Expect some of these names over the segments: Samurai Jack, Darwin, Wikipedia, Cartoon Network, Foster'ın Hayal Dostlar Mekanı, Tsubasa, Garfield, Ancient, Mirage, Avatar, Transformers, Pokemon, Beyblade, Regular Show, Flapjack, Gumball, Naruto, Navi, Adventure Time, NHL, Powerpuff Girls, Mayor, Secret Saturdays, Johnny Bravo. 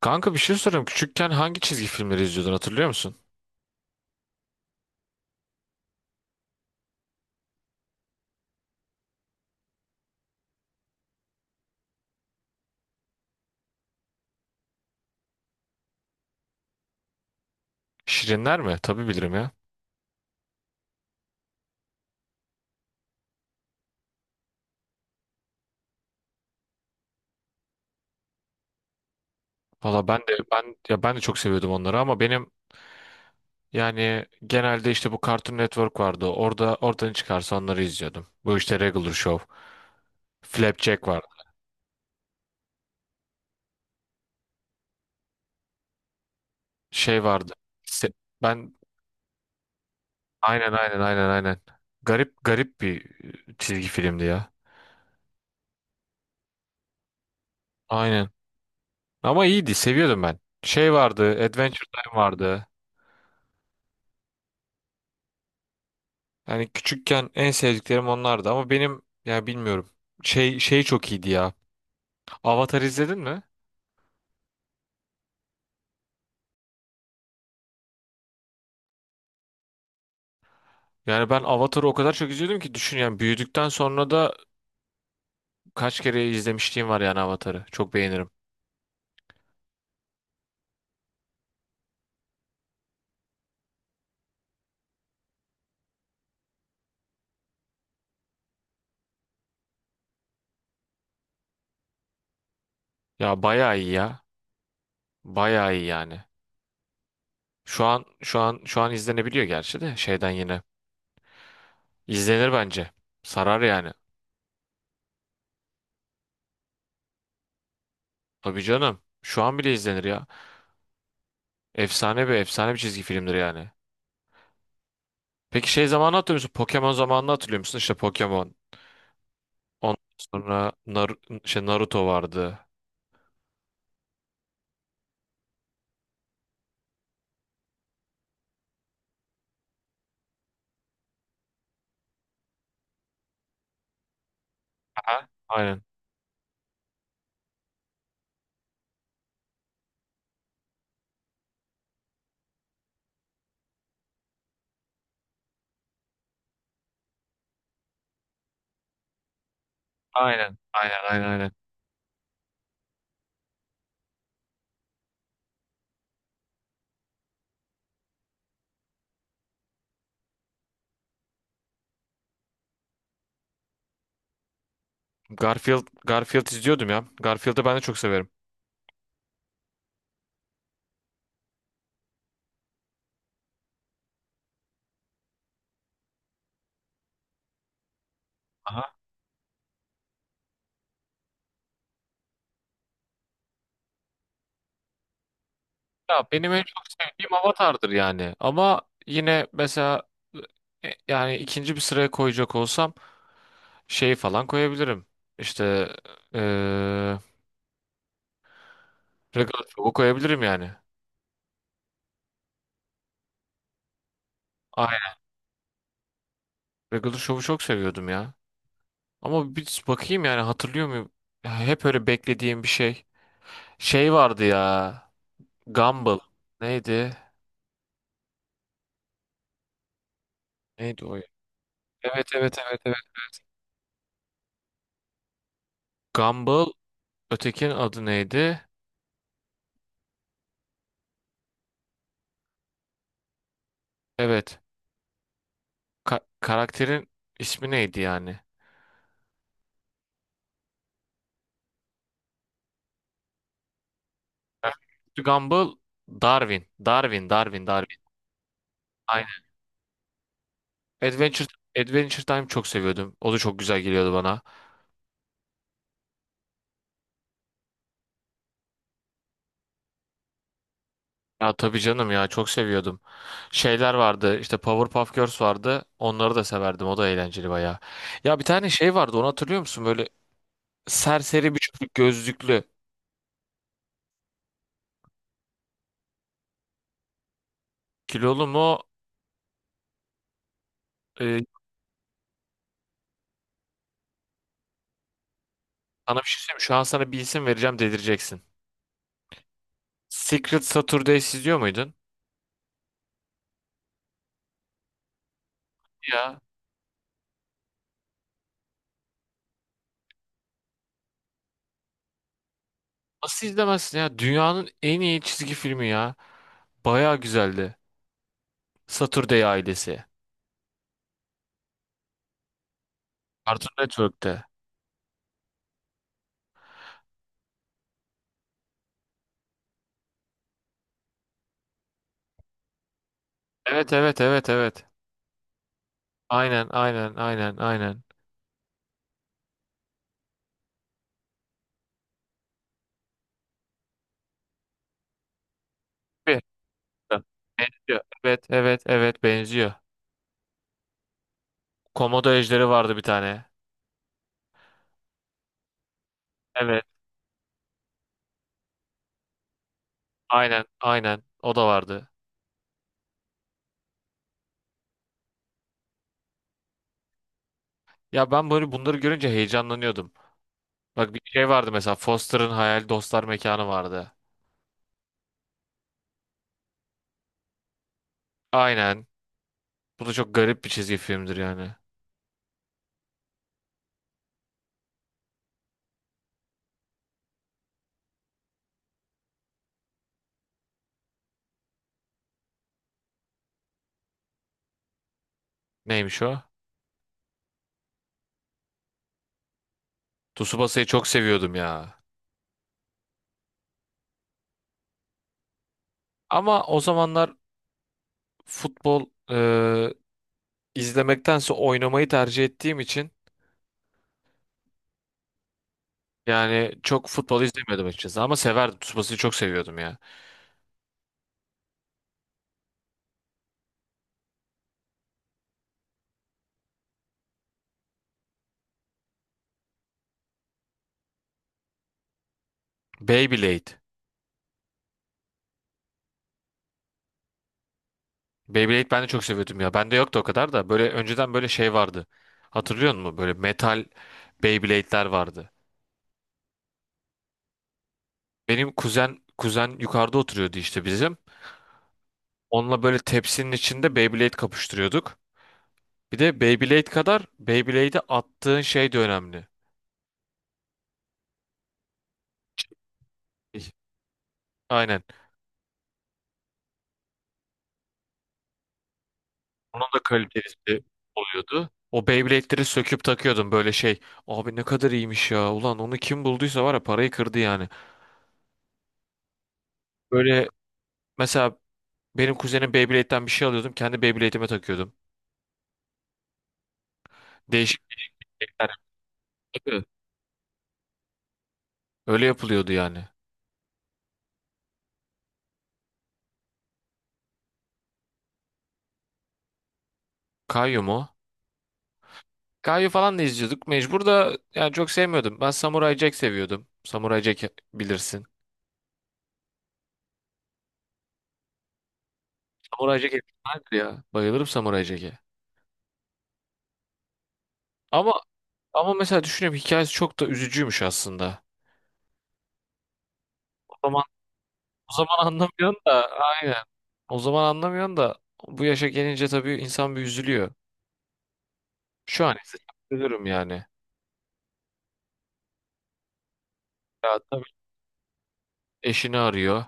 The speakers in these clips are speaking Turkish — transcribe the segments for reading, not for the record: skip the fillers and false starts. Kanka bir şey sorayım. Küçükken hangi çizgi filmleri izliyordun, hatırlıyor musun? Şirinler mi? Tabii bilirim ya. Valla ben de ben de çok seviyordum onları ama benim yani genelde işte bu Cartoon Network vardı. Oradan çıkarsa onları izliyordum. Bu işte Regular Show, Flapjack vardı. Şey vardı. Se- ben aynen aynen aynen aynen. Garip garip bir çizgi filmdi ya. Aynen. Ama iyiydi, seviyordum ben. Şey vardı, Adventure Time vardı. Yani küçükken en sevdiklerim onlardı ama benim ya bilmiyorum. Şey çok iyiydi ya. Avatar izledin mi? Yani ben Avatar'ı o kadar çok izliyordum ki düşün, yani büyüdükten sonra da kaç kere izlemişliğim var yani Avatar'ı. Çok beğenirim. Ya bayağı iyi ya. Bayağı iyi yani. Şu an izlenebiliyor gerçi de şeyden yine. İzlenir bence. Sarar yani. Tabii canım. Şu an bile izlenir ya. Efsane bir çizgi filmdir yani. Peki şey zamanı hatırlıyor musun? Pokemon zamanını hatırlıyor musun? İşte Pokemon. Ondan sonra Naruto vardı. Aha. Aynen. Aynen. Aynen. Aynen. Aynen. Garfield izliyordum ya. Garfield'ı ben de çok severim. Aha. Ya benim en çok sevdiğim Avatar'dır yani. Ama yine mesela yani ikinci bir sıraya koyacak olsam şey falan koyabilirim. İşte eee Regular Show'u koyabilirim yani. Aynen. Regular Show'u çok seviyordum ya. Ama bir bakayım yani, hatırlıyor muyum? Ya hep öyle beklediğim bir şey. Şey vardı ya. Gumball. Neydi? Neydi o ya? Evet evet evet evet. Gumball, ötekinin adı neydi? Evet. Karakterin ismi neydi yani? Gumball, Darwin. Darwin, Darwin, Darwin. Aynen. Adventure Adventure Time çok seviyordum. O da çok güzel geliyordu bana. Ya tabii canım ya, çok seviyordum. Şeyler vardı. İşte Powerpuff Girls vardı. Onları da severdim. O da eğlenceli bayağı. Ya bir tane şey vardı. Onu hatırlıyor musun? Böyle serseri bir çocuk, gözlüklü. Kilolu mu? e, Sana bir şey söyleyeyim mi? Şu an sana bir isim vereceğim, delireceksin. Secret Saturdays izliyor muydun? Ya nasıl izlemezsin ya? Dünyanın en iyi çizgi filmi ya. Baya güzeldi. Saturday ailesi. Cartoon Network'te. Evet evet evet evet. Aynen aynen aynen aynen. Bir- Benziyor. Evet evet evet, benziyor. Komodo ejderi vardı bir tane. Evet, aynen aynen, o da vardı. Ya ben böyle bunları görünce heyecanlanıyordum. Bak bir şey vardı mesela, Foster'ın Hayal Dostlar Mekanı vardı. Aynen. Bu da çok garip bir çizgi filmdir yani. Neymiş o? Tsubasa'yı çok seviyordum ya. Ama o zamanlar futbol izlemektense oynamayı tercih ettiğim için yani çok futbol izlemiyordum açıkçası. Ama severdim. Tsubasa'yı çok seviyordum ya. Beyblade. Beyblade ben de çok seviyordum ya. Bende yoktu o kadar da. Böyle önceden böyle şey vardı. Hatırlıyor musun? Böyle metal Beyblade'ler vardı. Benim kuzen yukarıda oturuyordu işte bizim. Onunla böyle tepsinin içinde Beyblade kapıştırıyorduk. Bir de Beyblade kadar Beyblade'e attığın şey de önemli. Şey, aynen. Onun da kalitesi oluyordu. O Beyblade'leri söküp takıyordum böyle şey. Abi ne kadar iyiymiş ya. Ulan onu kim bulduysa var ya, parayı kırdı yani. Böyle mesela benim kuzenim Beyblade'den bir şey alıyordum. Kendi Beyblade'ime takıyordum. Değişik bir tercih. Öyle yapılıyordu yani. Kayu mu? Kayu falan da izliyorduk. Mecbur da yani, çok sevmiyordum. Ben Samurai Jack seviyordum. Samurai Jack bilirsin. Samurai Jack efsanedir ya. Bayılırım Samurai Jack'e. Ama Ama mesela düşünüyorum, hikayesi çok da üzücüymüş aslında. O zaman o zaman anlamıyorsun da aynen. O zaman anlamıyorsun da bu yaşa gelince tabii insan bir üzülüyor. Şu an ise çok üzülürüm yani. Ya tabii, eşini arıyor.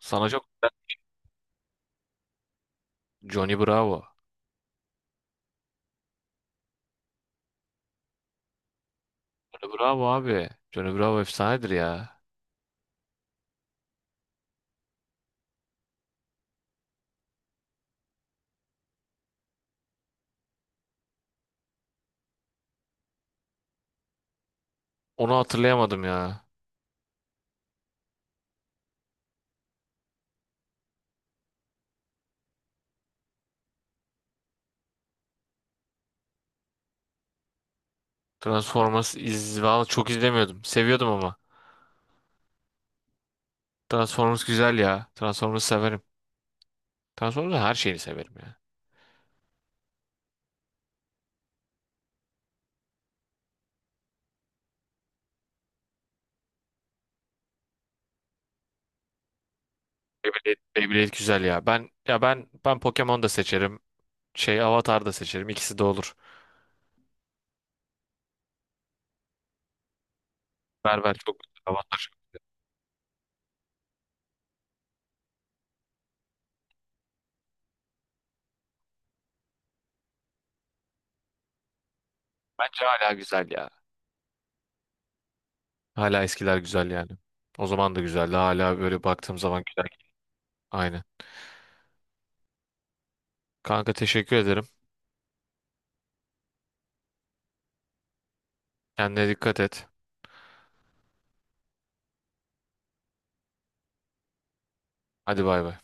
Sana çok Johnny Bravo. Johnny Bravo abi. Johnny Bravo efsanedir ya. Onu hatırlayamadım ya. Transformers iz Vallahi çok izlemiyordum. Seviyordum ama. Transformers güzel ya. Transformers severim. Transformers her şeyini severim ya. Beyblade, Beyblade güzel ya. Ben ya ben Pokemon da seçerim. Şey, Avatar da seçerim. İkisi de olur. Berber çok güzel Avatar. Bence hala güzel ya. Hala eskiler güzel yani. O zaman da güzeldi. Hala böyle baktığım zaman güzel. Aynı. Kanka teşekkür ederim. Kendine dikkat et. Hadi bay bay.